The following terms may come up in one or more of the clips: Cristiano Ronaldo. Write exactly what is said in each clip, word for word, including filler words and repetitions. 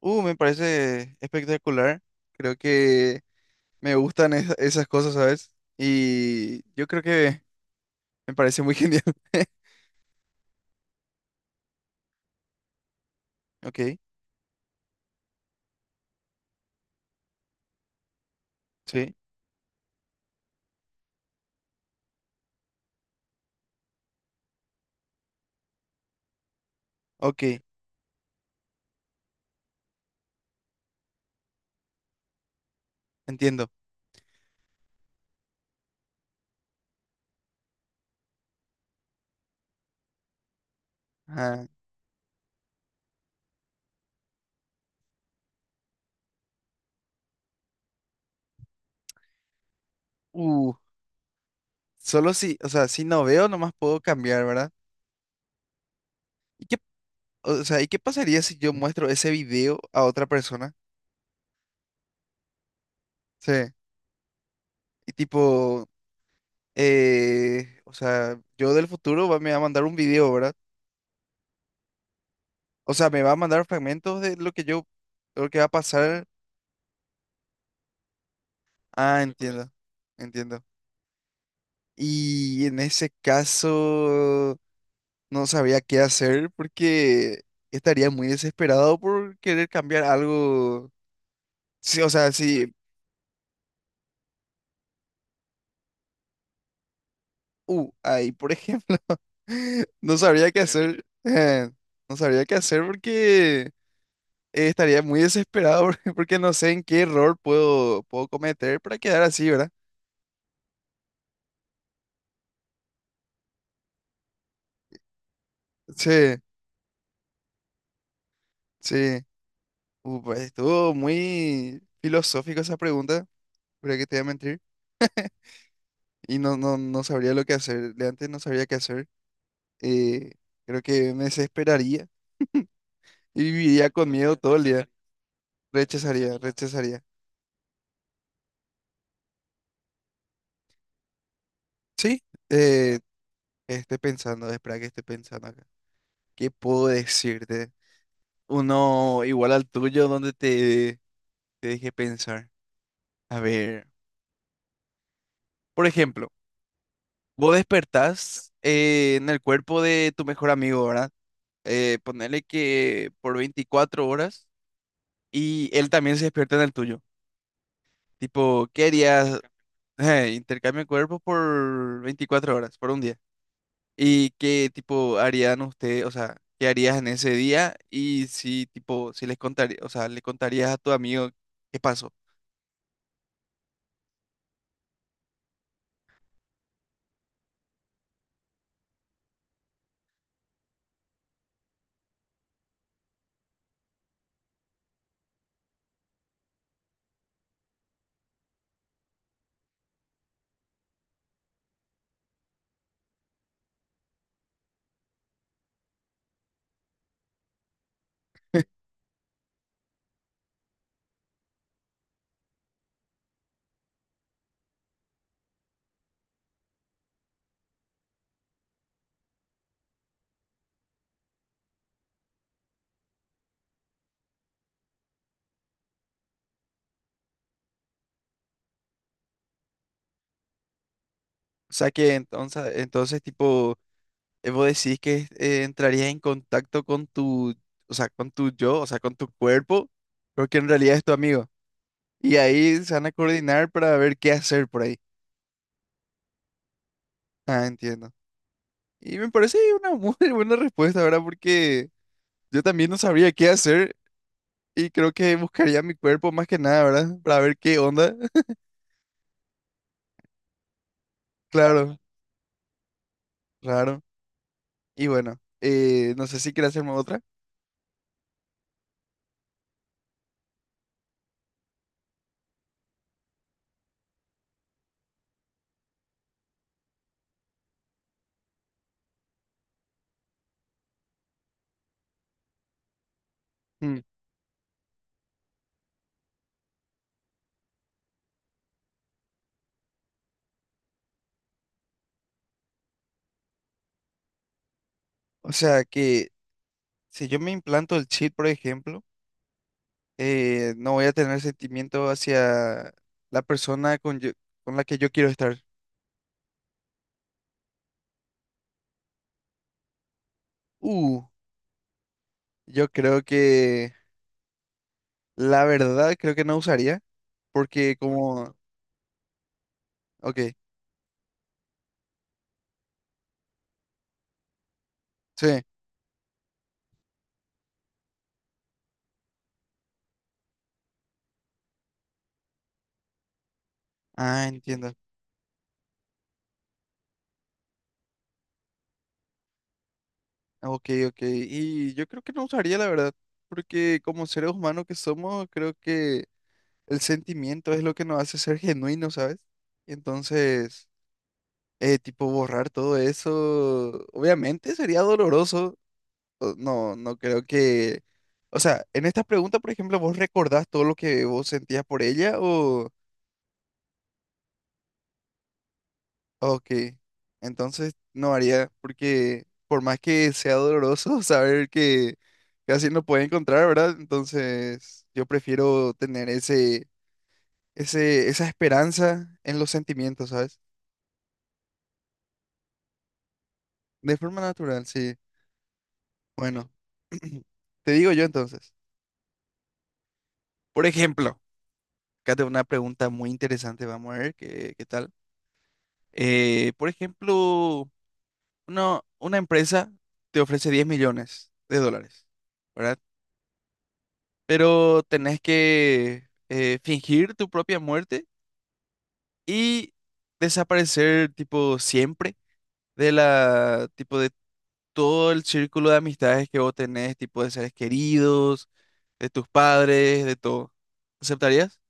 Uh, me parece espectacular. Creo que me gustan esa- esas cosas, ¿sabes? Y yo creo que me parece muy genial. Ok, sí, ok, entiendo. Ah, uh, solo si, o sea, si no veo, nomás puedo cambiar, ¿verdad? ¿Y qué, o sea, y qué pasaría si yo muestro ese video a otra persona? Sí, y tipo, eh, o sea, yo del futuro va- me va a mandar un video, ¿verdad? O sea, me va a mandar fragmentos de lo que yo, lo que va a pasar. Ah, entiendo, entiendo. Y en ese caso no sabía qué hacer porque estaría muy desesperado por querer cambiar algo. Sí, o sea, sí, uh, ahí, por ejemplo, no sabría qué, sí, hacer. Eh, no sabría qué hacer porque eh, estaría muy desesperado porque, porque no sé en qué error puedo, puedo cometer para quedar así, ¿verdad? Sí, sí. Uh, pues estuvo muy filosófico esa pregunta, pero que te voy a mentir. Y no, no, no sabría lo que hacer. De antes no sabría qué hacer. eh, Creo que me desesperaría y viviría con miedo todo el día. Rechazaría, rechazaría. Sí, eh, estoy pensando, espera que esté pensando acá. ¿Qué puedo decirte? Uno igual al tuyo donde te, te deje pensar. A ver, por ejemplo, vos despertás eh, en el cuerpo de tu mejor amigo, ¿verdad? Eh, ponerle que por veinticuatro horas y él también se despierta en el tuyo. Tipo, ¿qué harías? Eh, intercambio de cuerpos por veinticuatro horas, por un día. ¿Y qué tipo harían ustedes? O sea, ¿qué harías en ese día? Y si, tipo, si les contaría, o sea, le contarías a tu amigo qué pasó. O sea, que entonces, entonces, tipo, eh, vos decís que eh, entrarías en contacto con tu, o sea, con tu yo, o sea, con tu cuerpo, pero que en realidad es tu amigo. Y ahí se van a coordinar para ver qué hacer por ahí. Ah, entiendo. Y me parece una muy buena respuesta, ¿verdad? Porque yo también no sabría qué hacer y creo que buscaría mi cuerpo más que nada, ¿verdad? Para ver qué onda. Claro, claro. Y bueno, eh, no sé si quieres hacerme otra. Mm. O sea que si yo me implanto el chip, por ejemplo, eh, no voy a tener sentimiento hacia la persona con, yo- con la que yo quiero estar. Uh, yo creo que la verdad creo que no usaría porque como... Ok, sí. Ah, entiendo. Ok, ok. Y yo creo que no usaría, la verdad, porque como seres humanos que somos, creo que el sentimiento es lo que nos hace ser genuinos, ¿sabes? Entonces, eh, tipo, borrar todo eso, obviamente sería doloroso. o- No, no creo que... O sea, en esta pregunta, por ejemplo, ¿vos recordás todo lo que vos sentías por ella o...? Ok, entonces no haría, porque por más que sea doloroso saber que casi no puede encontrar, ¿verdad? Entonces yo prefiero tener ese, ese, esa esperanza en los sentimientos, ¿sabes? De forma natural, sí. Bueno, te digo yo entonces. Por ejemplo, acá tengo una pregunta muy interesante, vamos a ver qué, qué, tal. Eh, por ejemplo, uno- una empresa te ofrece diez millones de dólares, ¿verdad? Pero tenés que eh, fingir tu propia muerte y desaparecer tipo siempre de la, tipo de todo el círculo de amistades que vos tenés, tipo de seres queridos, de tus padres, de todo. ¿Aceptarías?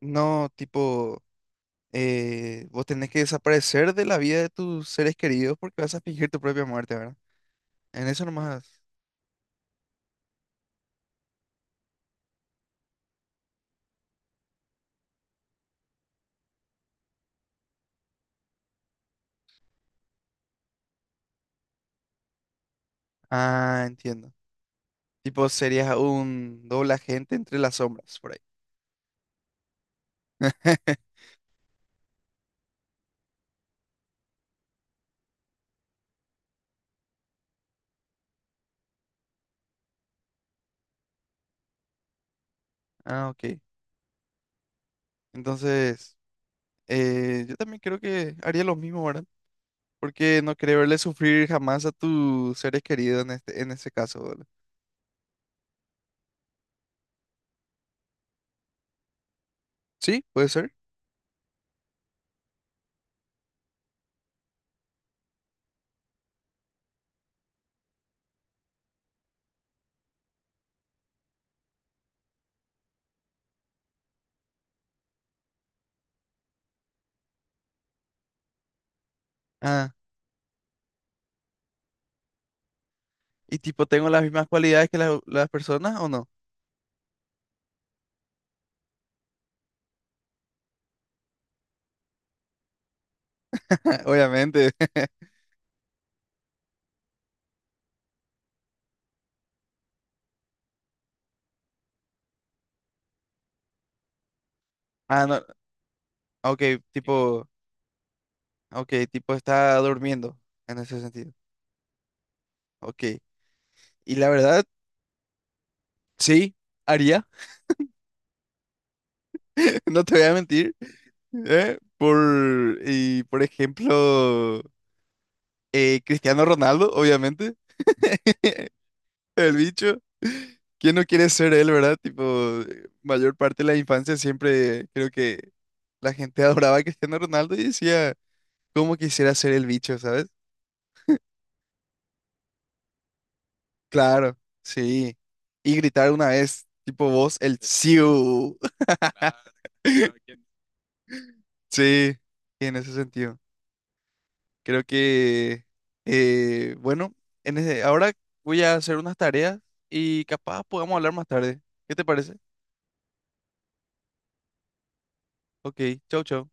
No, tipo, eh, vos tenés que desaparecer de la vida de tus seres queridos porque vas a fingir tu propia muerte, ¿verdad? En eso nomás. Ah, entiendo. Tipo, serías un doble agente entre las sombras, por ahí. Ah, ok. Entonces, eh, yo también creo que haría lo mismo, ¿verdad? Porque no quería verle sufrir jamás a tus seres queridos en este, en ese caso, ¿verdad? Sí, puede ser. Ah, y tipo, ¿tengo las mismas cualidades que las, las personas o no? Obviamente. Ah, no. Ok, tipo, ok, tipo está durmiendo en ese sentido. Ok. Y la verdad, sí, haría. No te voy a mentir. ¿Eh? Por, y por ejemplo. Eh, Cristiano Ronaldo, obviamente. El bicho. ¿Quién no quiere ser él, verdad? Tipo, mayor parte de la infancia siempre creo que la gente adoraba a Cristiano Ronaldo y decía, ¿cómo quisiera ser el bicho, sabes? Claro, sí. Y gritar una vez, tipo vos, el Siu. Sí, en ese sentido. Creo que, eh, bueno, en ese- ahora voy a hacer unas tareas y capaz podamos hablar más tarde. ¿Qué te parece? Ok, chau, chau.